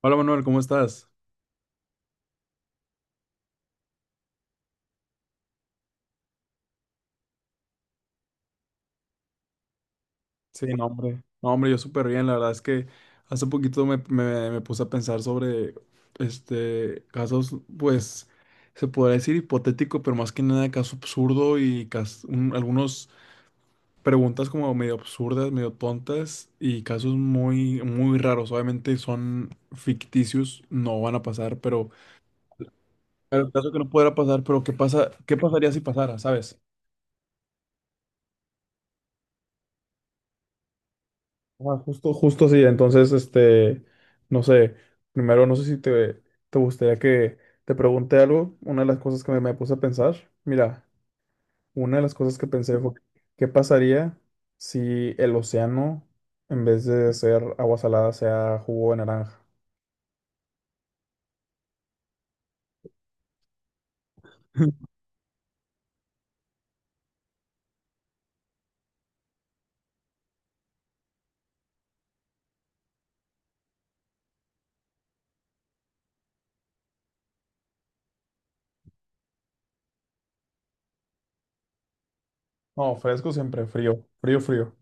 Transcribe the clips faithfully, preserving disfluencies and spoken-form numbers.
Hola Manuel, ¿cómo estás? Sí, no, hombre. No, hombre, yo súper bien. La verdad es que hace poquito me, me- me puse a pensar sobre este casos, pues, se podría decir hipotético, pero más que nada caso absurdo y cas- un- algunos preguntas como medio absurdas, medio tontas y casos muy, muy raros. Obviamente son ficticios, no van a pasar, pero claro, caso que no pudiera pasar, pero ¿qué pasa? ¿Qué pasaría si pasara, sabes? Ah, justo, justo sí. Entonces, este, no sé, primero no sé si te, te gustaría que te pregunte algo. Una de las cosas que me, me puse a pensar, mira, una de las cosas que pensé fue, ¿qué pasaría si el océano, en vez de ser agua salada, sea jugo de naranja? No, fresco siempre, frío, frío, frío.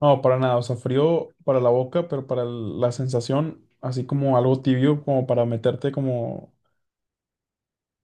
No, para nada, o sea, frío para la boca, pero para el- la sensación, así como algo tibio, como para meterte como.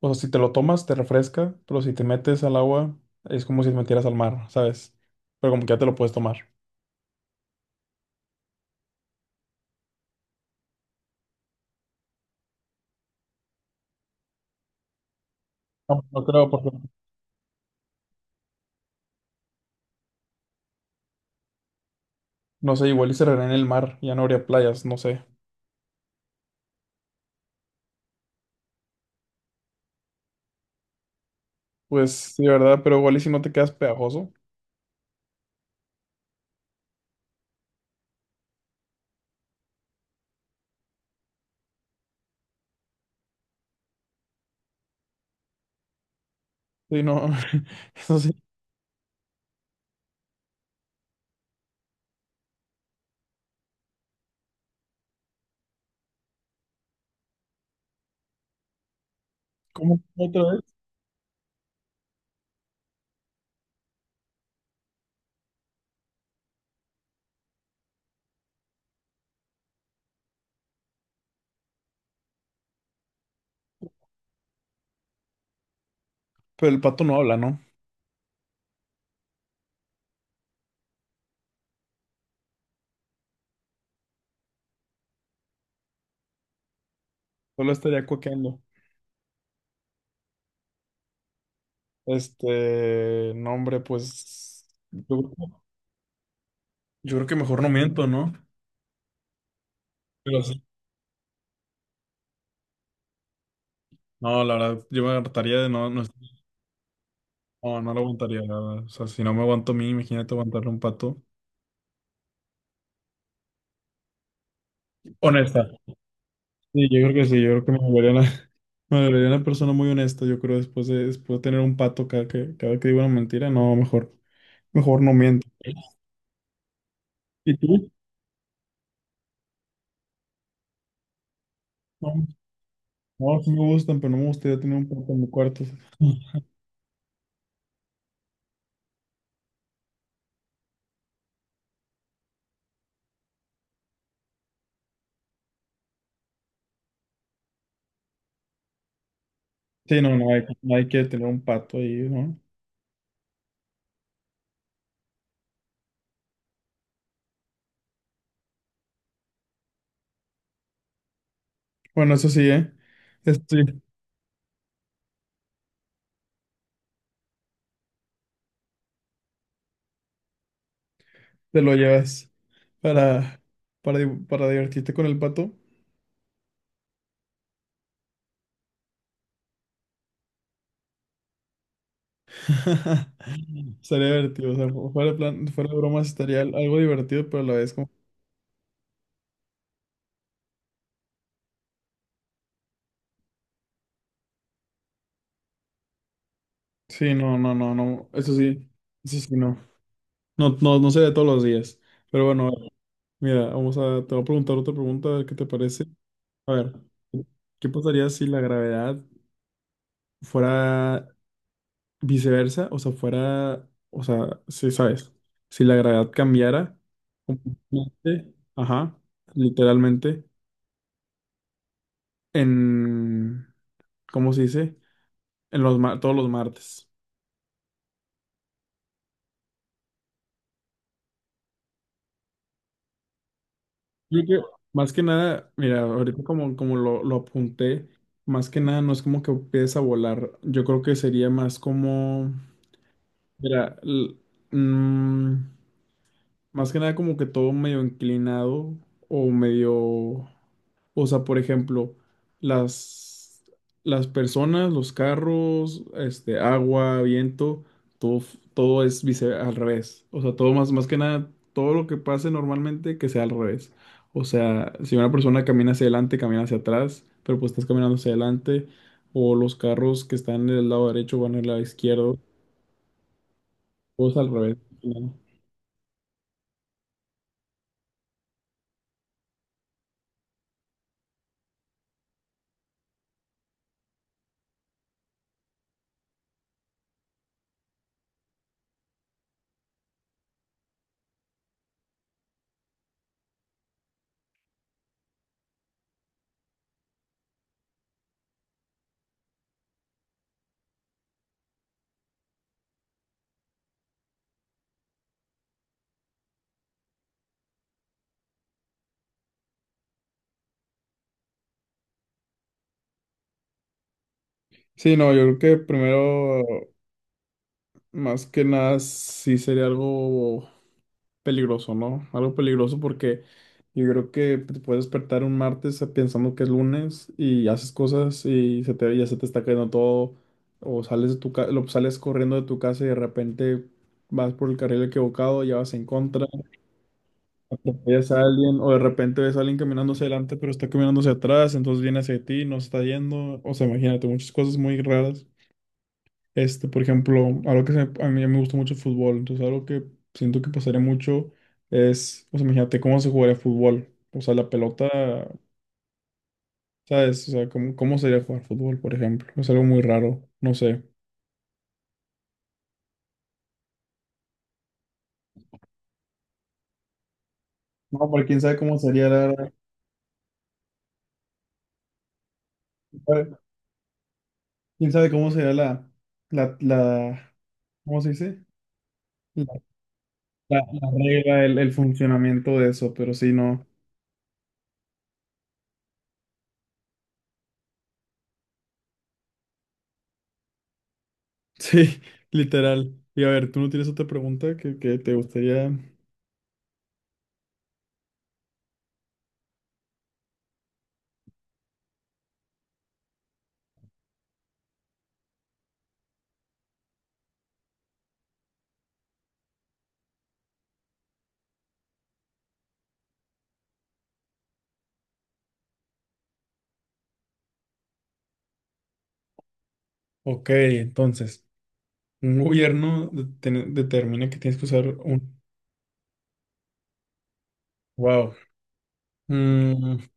O sea, si te lo tomas, te refresca, pero si te metes al agua, es como si te metieras al mar, ¿sabes? Pero como que ya te lo puedes tomar. No, no creo, porque no sé, igual y se en el mar, ya no habría playas, no sé. Pues sí, ¿verdad? Pero igual y si no te quedas pegajoso. Sí, no, no sé, ¿cómo otra vez? Pero el pato no habla, ¿no? Solo estaría cuaqueando. Este, no, hombre, pues yo, yo creo que mejor no miento, ¿no? Pero sí. No, la verdad, yo me hartaría de no, no. No, no lo aguantaría, la verdad. O sea, si no me aguanto a mí, imagínate aguantarle a un pato. Honesta. Sí, yo creo que sí, yo creo que me volvería una, me volvería una persona muy honesta, yo creo, después de, después de tener un pato cada que, cada que digo una mentira, no, mejor, mejor no miento. ¿Y tú? No, no, sí me gustan, pero no me gustaría tener un pato en mi cuarto. Sí, no, no hay, nadie quiere tener un pato ahí, ¿no? Bueno, eso sí, ¿eh? Esto sí, te lo llevas para, para, di- para divertirte con el pato. Estaría divertido, o sea, fu- fuera de plan, fuera de bromas, estaría al- algo divertido, pero a la vez como... Sí, no, no, no, no, eso sí, eso sí, no. No, no, no sería todos los días. Pero bueno, mira, vamos a, te voy a preguntar otra pregunta, a ver qué te parece. A ver, ¿qué pasaría si la gravedad fuera viceversa? O sea, fuera, o sea, sí, sabes, si la gravedad cambiara completamente, ajá, literalmente, en, ¿cómo se dice? En los, ma- todos los martes. Yo creo, más que nada, mira, ahorita como, como lo, lo apunté, más que nada no es como que empieces a volar. Yo creo que sería más como, mira, l- mm, más que nada como que todo medio inclinado o medio... O sea, por ejemplo, las, las personas, los carros, este, agua, viento, todo, f- todo es vice- al revés. O sea, todo más, más que nada, todo lo que pase normalmente que sea al revés. O sea, si una persona camina hacia adelante, camina hacia atrás, pero pues estás caminando hacia adelante. O los carros que están del lado derecho van al lado izquierdo, todo es al revés. Sí, no, yo creo que primero, más que nada, sí sería algo peligroso, ¿no? Algo peligroso porque yo creo que te puedes despertar un martes pensando que es lunes y haces cosas y se te, ya se te está cayendo todo, o sales de tu ca- lo- sales corriendo de tu casa y de repente vas por el carril equivocado, ya vas en contra, atropellas a alguien, o de repente ves a alguien caminando hacia adelante pero está caminando hacia atrás, entonces viene hacia ti, no se está yendo, o sea, imagínate, muchas cosas muy raras. Este, por ejemplo, algo que se- a mí me gusta mucho el fútbol, entonces algo que siento que pasaría mucho es, o sea, imagínate cómo se jugaría fútbol, o sea, la pelota, ¿sabes? O sea, cómo, cómo sería jugar fútbol, por ejemplo, es algo muy raro, no sé. No, pero quién sabe cómo sería la, quién sabe cómo sería la, la, la, ¿cómo se dice? La, la- la regla, el, el funcionamiento de eso, pero sí, no. Sí, literal. Y a ver, ¿tú no tienes otra pregunta que, que te gustaría? Ok, entonces. Un gobierno deten- determina que tienes que usar un... Wow. Mm,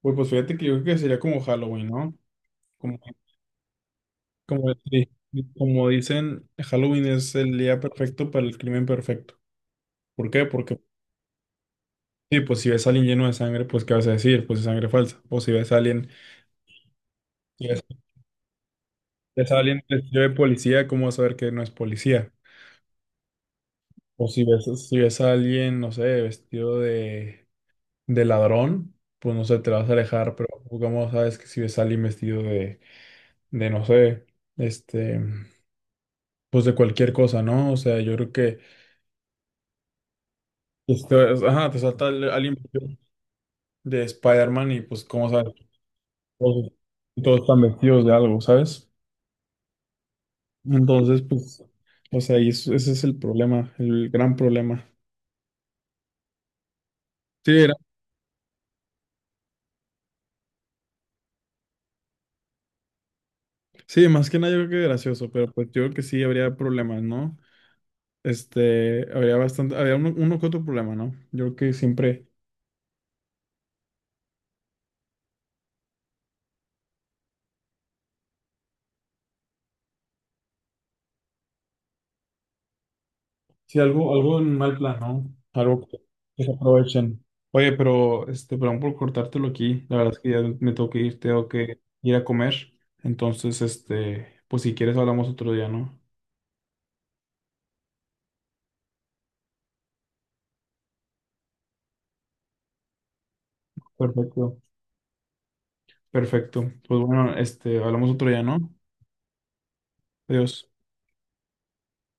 pues, pues fíjate que yo creo que sería como Halloween, ¿no? Como, como, di- como dicen, Halloween es el día perfecto para el crimen perfecto. ¿Por qué? Porque, sí, pues si ves a alguien lleno de sangre, pues ¿qué vas a decir? Pues es sangre falsa. O si ves a alguien, si ves, ves a alguien vestido de policía, ¿cómo vas a saber que no es policía? O si ves, si ves a alguien, no sé, vestido de de ladrón, pues no sé, te vas a alejar, pero como sabes que si ves a alguien vestido de, de no sé, este, pues de cualquier cosa, ¿no? O sea, yo creo que, esto es- ajá, te salta al- alguien vestido de Spider-Man y pues como sabes, todos, todos están vestidos de algo, ¿sabes? Entonces, pues, o sea, y es- ese es el problema, el gran problema. Sí, era- sí, más que nada yo creo que gracioso, pero pues yo creo que sí habría problemas, ¿no? Este, habría bastante, habría uno, uno que otro problema, ¿no? Yo creo que siempre, sí, algo, algo en mal plan, ¿no? Algo que que se aprovechen. Oye, pero, este, perdón por cortártelo aquí. La verdad es que ya me tengo que ir, tengo que ir a comer. Entonces, este, pues si quieres hablamos otro día, ¿no? Perfecto. Perfecto. Pues bueno, este, hablamos otro día, ¿no? Adiós.